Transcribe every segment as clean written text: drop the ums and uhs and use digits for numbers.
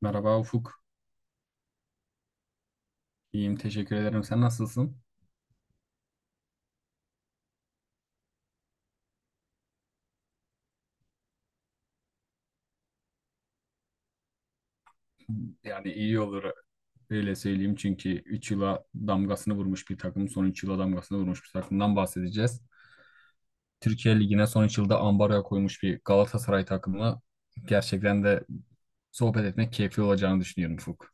Merhaba Ufuk. İyiyim, teşekkür ederim. Sen nasılsın? Yani iyi olur öyle söyleyeyim çünkü 3 yıla damgasını vurmuş bir takım, son 3 yıla damgasını vurmuş bir takımdan bahsedeceğiz. Türkiye Ligi'ne son 3 yılda ambargo koymuş bir Galatasaray takımı gerçekten de sohbet etmek keyifli olacağını düşünüyorum Ufuk.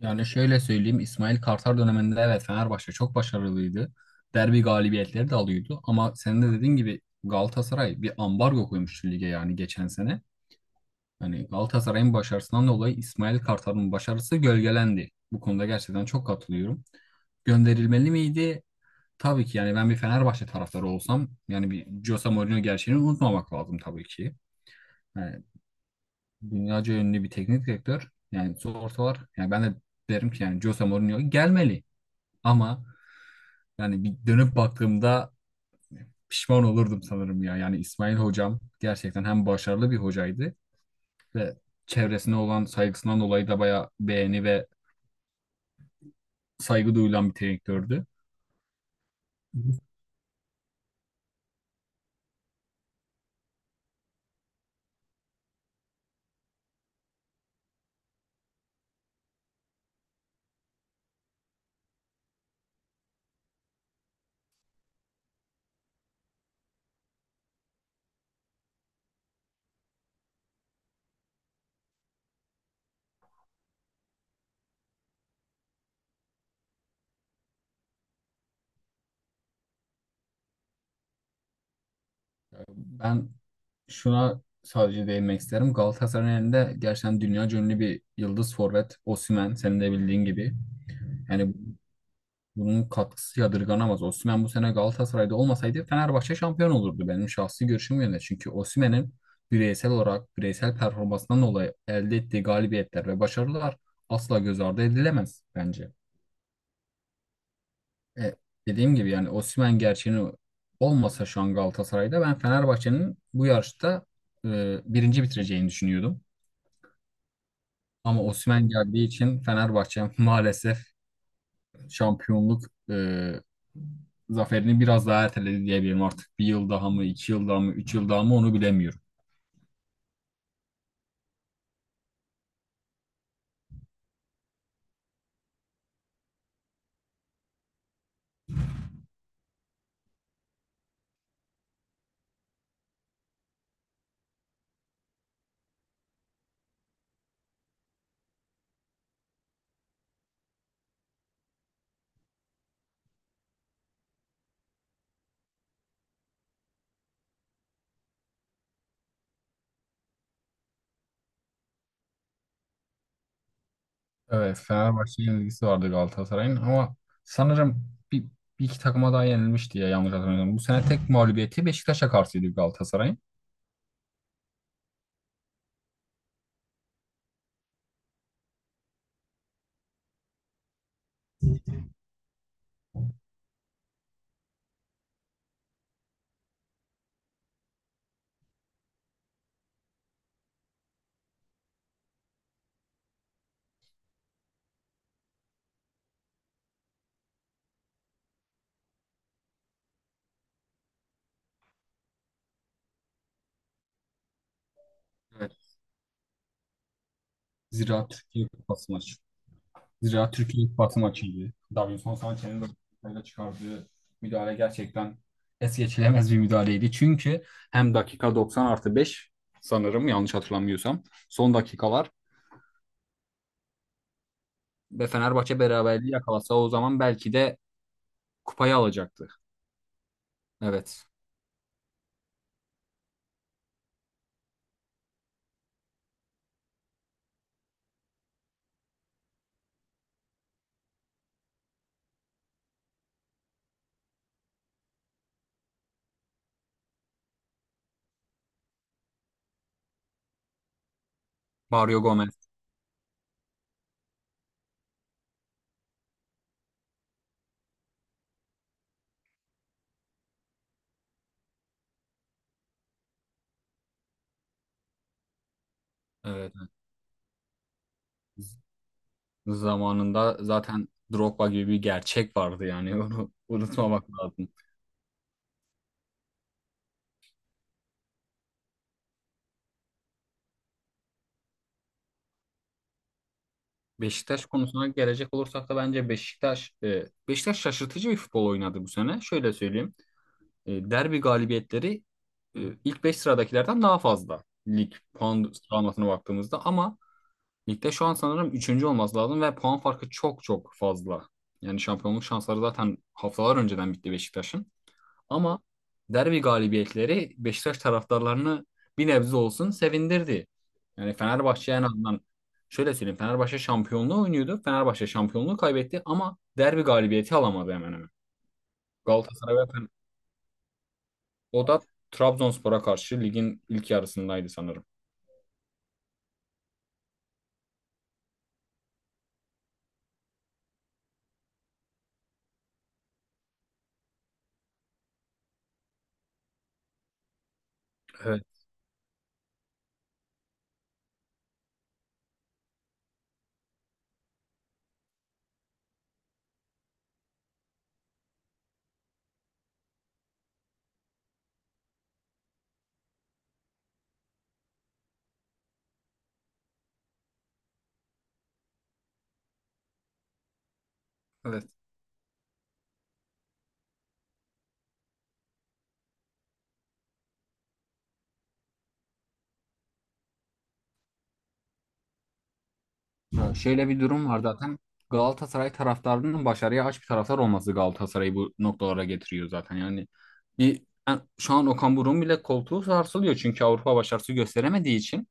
Yani şöyle söyleyeyim İsmail Kartal döneminde evet Fenerbahçe çok başarılıydı. Derbi galibiyetleri de alıyordu ama senin de dediğin gibi Galatasaray bir ambargo koymuştu lige yani geçen sene. Hani Galatasaray'ın başarısından dolayı İsmail Kartal'ın başarısı gölgelendi. Bu konuda gerçekten çok katılıyorum. Gönderilmeli miydi? Tabii ki yani ben bir Fenerbahçe taraftarı olsam yani bir Jose Mourinho gerçeğini unutmamak lazım tabii ki. Yani dünyaca ünlü bir teknik direktör. Yani ortalar yani ben de derim ki yani Jose Mourinho gelmeli ama yani bir dönüp baktığımda pişman olurdum sanırım ya. Yani İsmail hocam gerçekten hem başarılı bir hocaydı ve çevresine olan saygısından dolayı da bayağı beğeni ve saygı duyulan bir direktördü. Hı hı. Ben şuna sadece değinmek isterim. Galatasaray'ın elinde gerçekten dünya ünlü bir yıldız forvet Osimhen senin de bildiğin gibi. Yani bunun katkısı yadırganamaz. Osimhen bu sene Galatasaray'da olmasaydı Fenerbahçe şampiyon olurdu. Benim şahsi görüşüm yönde. Çünkü Osimhen'in bireysel olarak bireysel performansından dolayı elde ettiği galibiyetler ve başarılar asla göz ardı edilemez bence. E, Dediğim gibi yani Osimhen gerçeğini olmasa şu an Galatasaray'da ben Fenerbahçe'nin bu yarışta birinci bitireceğini düşünüyordum. Ama Osimhen geldiği için Fenerbahçe maalesef şampiyonluk e, zaferini biraz daha erteledi diyebilirim artık. Bir yıl daha mı, iki yıl daha mı, üç yıl daha mı onu bilemiyorum. Evet, Fenerbahçe'ye ilgisi vardı Galatasaray'ın ama sanırım bir, bir iki takıma daha yenilmişti ya yanlış hatırlamıyorum. Bu sene tek mağlubiyeti Beşiktaş'a karşıydı Galatasaray'ın. Evet. Zira Türkiye Kupası maçı. Zira Türkiye ilk batı maçıydı. Davinson Sanchez'in dakikayla çıkardığı müdahale gerçekten es geçilemez bir müdahaleydi. Çünkü hem dakika 90 artı 5 sanırım yanlış hatırlamıyorsam son dakikalar ve Fenerbahçe beraberliği yakalasa o zaman belki de kupayı alacaktı. Evet. Mario Gomez. Evet. Zamanında zaten Drogba gibi bir gerçek vardı yani onu unutmamak lazım. Beşiktaş konusuna gelecek olursak da bence Beşiktaş Beşiktaş şaşırtıcı bir futbol oynadı bu sene. Şöyle söyleyeyim. Derbi galibiyetleri ilk 5 sıradakilerden daha fazla. Lig puan sıralamasına baktığımızda ama ligde şu an sanırım üçüncü olması lazım ve puan farkı çok çok fazla. Yani şampiyonluk şansları zaten haftalar önceden bitti Beşiktaş'ın. Ama derbi galibiyetleri Beşiktaş taraftarlarını bir nebze olsun sevindirdi. Yani Fenerbahçe en azından şöyle söyleyeyim Fenerbahçe şampiyonluğu oynuyordu. Fenerbahçe şampiyonluğu kaybetti ama derbi galibiyeti alamadı hemen hemen. Galatasaray ve o da Trabzonspor'a karşı ligin ilk yarısındaydı sanırım. Evet. Evet. Ya şöyle bir durum var zaten. Galatasaray taraftarının başarıya aç bir taraftar olması Galatasaray'ı bu noktalara getiriyor zaten. Yani bir yani şu an Okan Buruk'un bile koltuğu sarsılıyor çünkü Avrupa başarısı gösteremediği için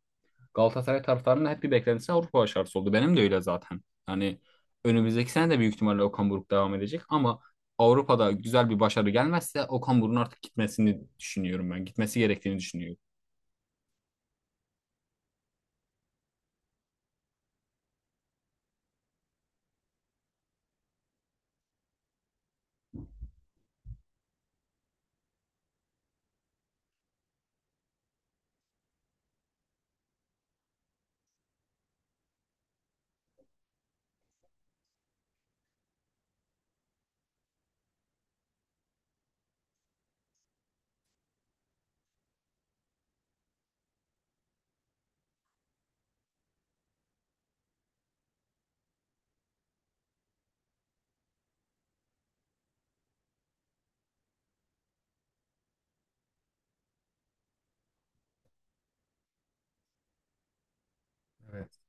Galatasaray taraftarının da hep bir beklentisi Avrupa başarısı oldu. Benim de öyle zaten. Yani önümüzdeki sene de büyük ihtimalle Okan Buruk devam edecek ama Avrupa'da güzel bir başarı gelmezse Okan Buruk'un artık gitmesini düşünüyorum ben. Gitmesi gerektiğini düşünüyorum. Evet.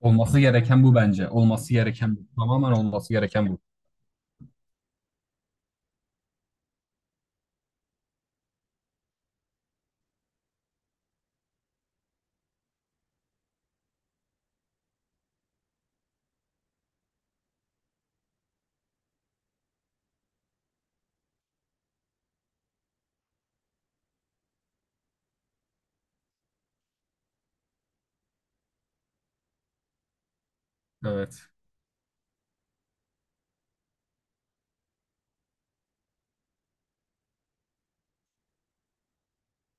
Olması gereken bu bence. Olması gereken bu. Tamamen olması gereken bu. Evet.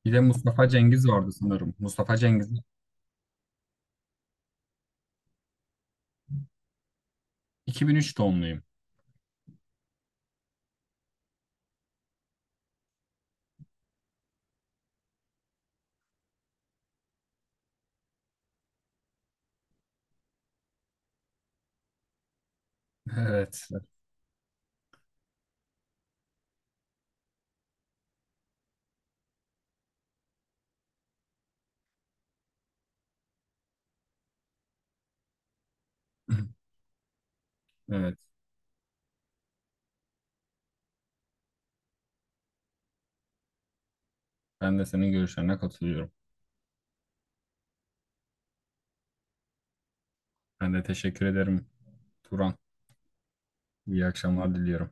Bir de Mustafa Cengiz vardı sanırım. Mustafa Cengiz. 2003 doğumluyum. Evet. Evet. Ben de senin görüşlerine katılıyorum. Ben de teşekkür ederim Turan. İyi akşamlar diliyorum.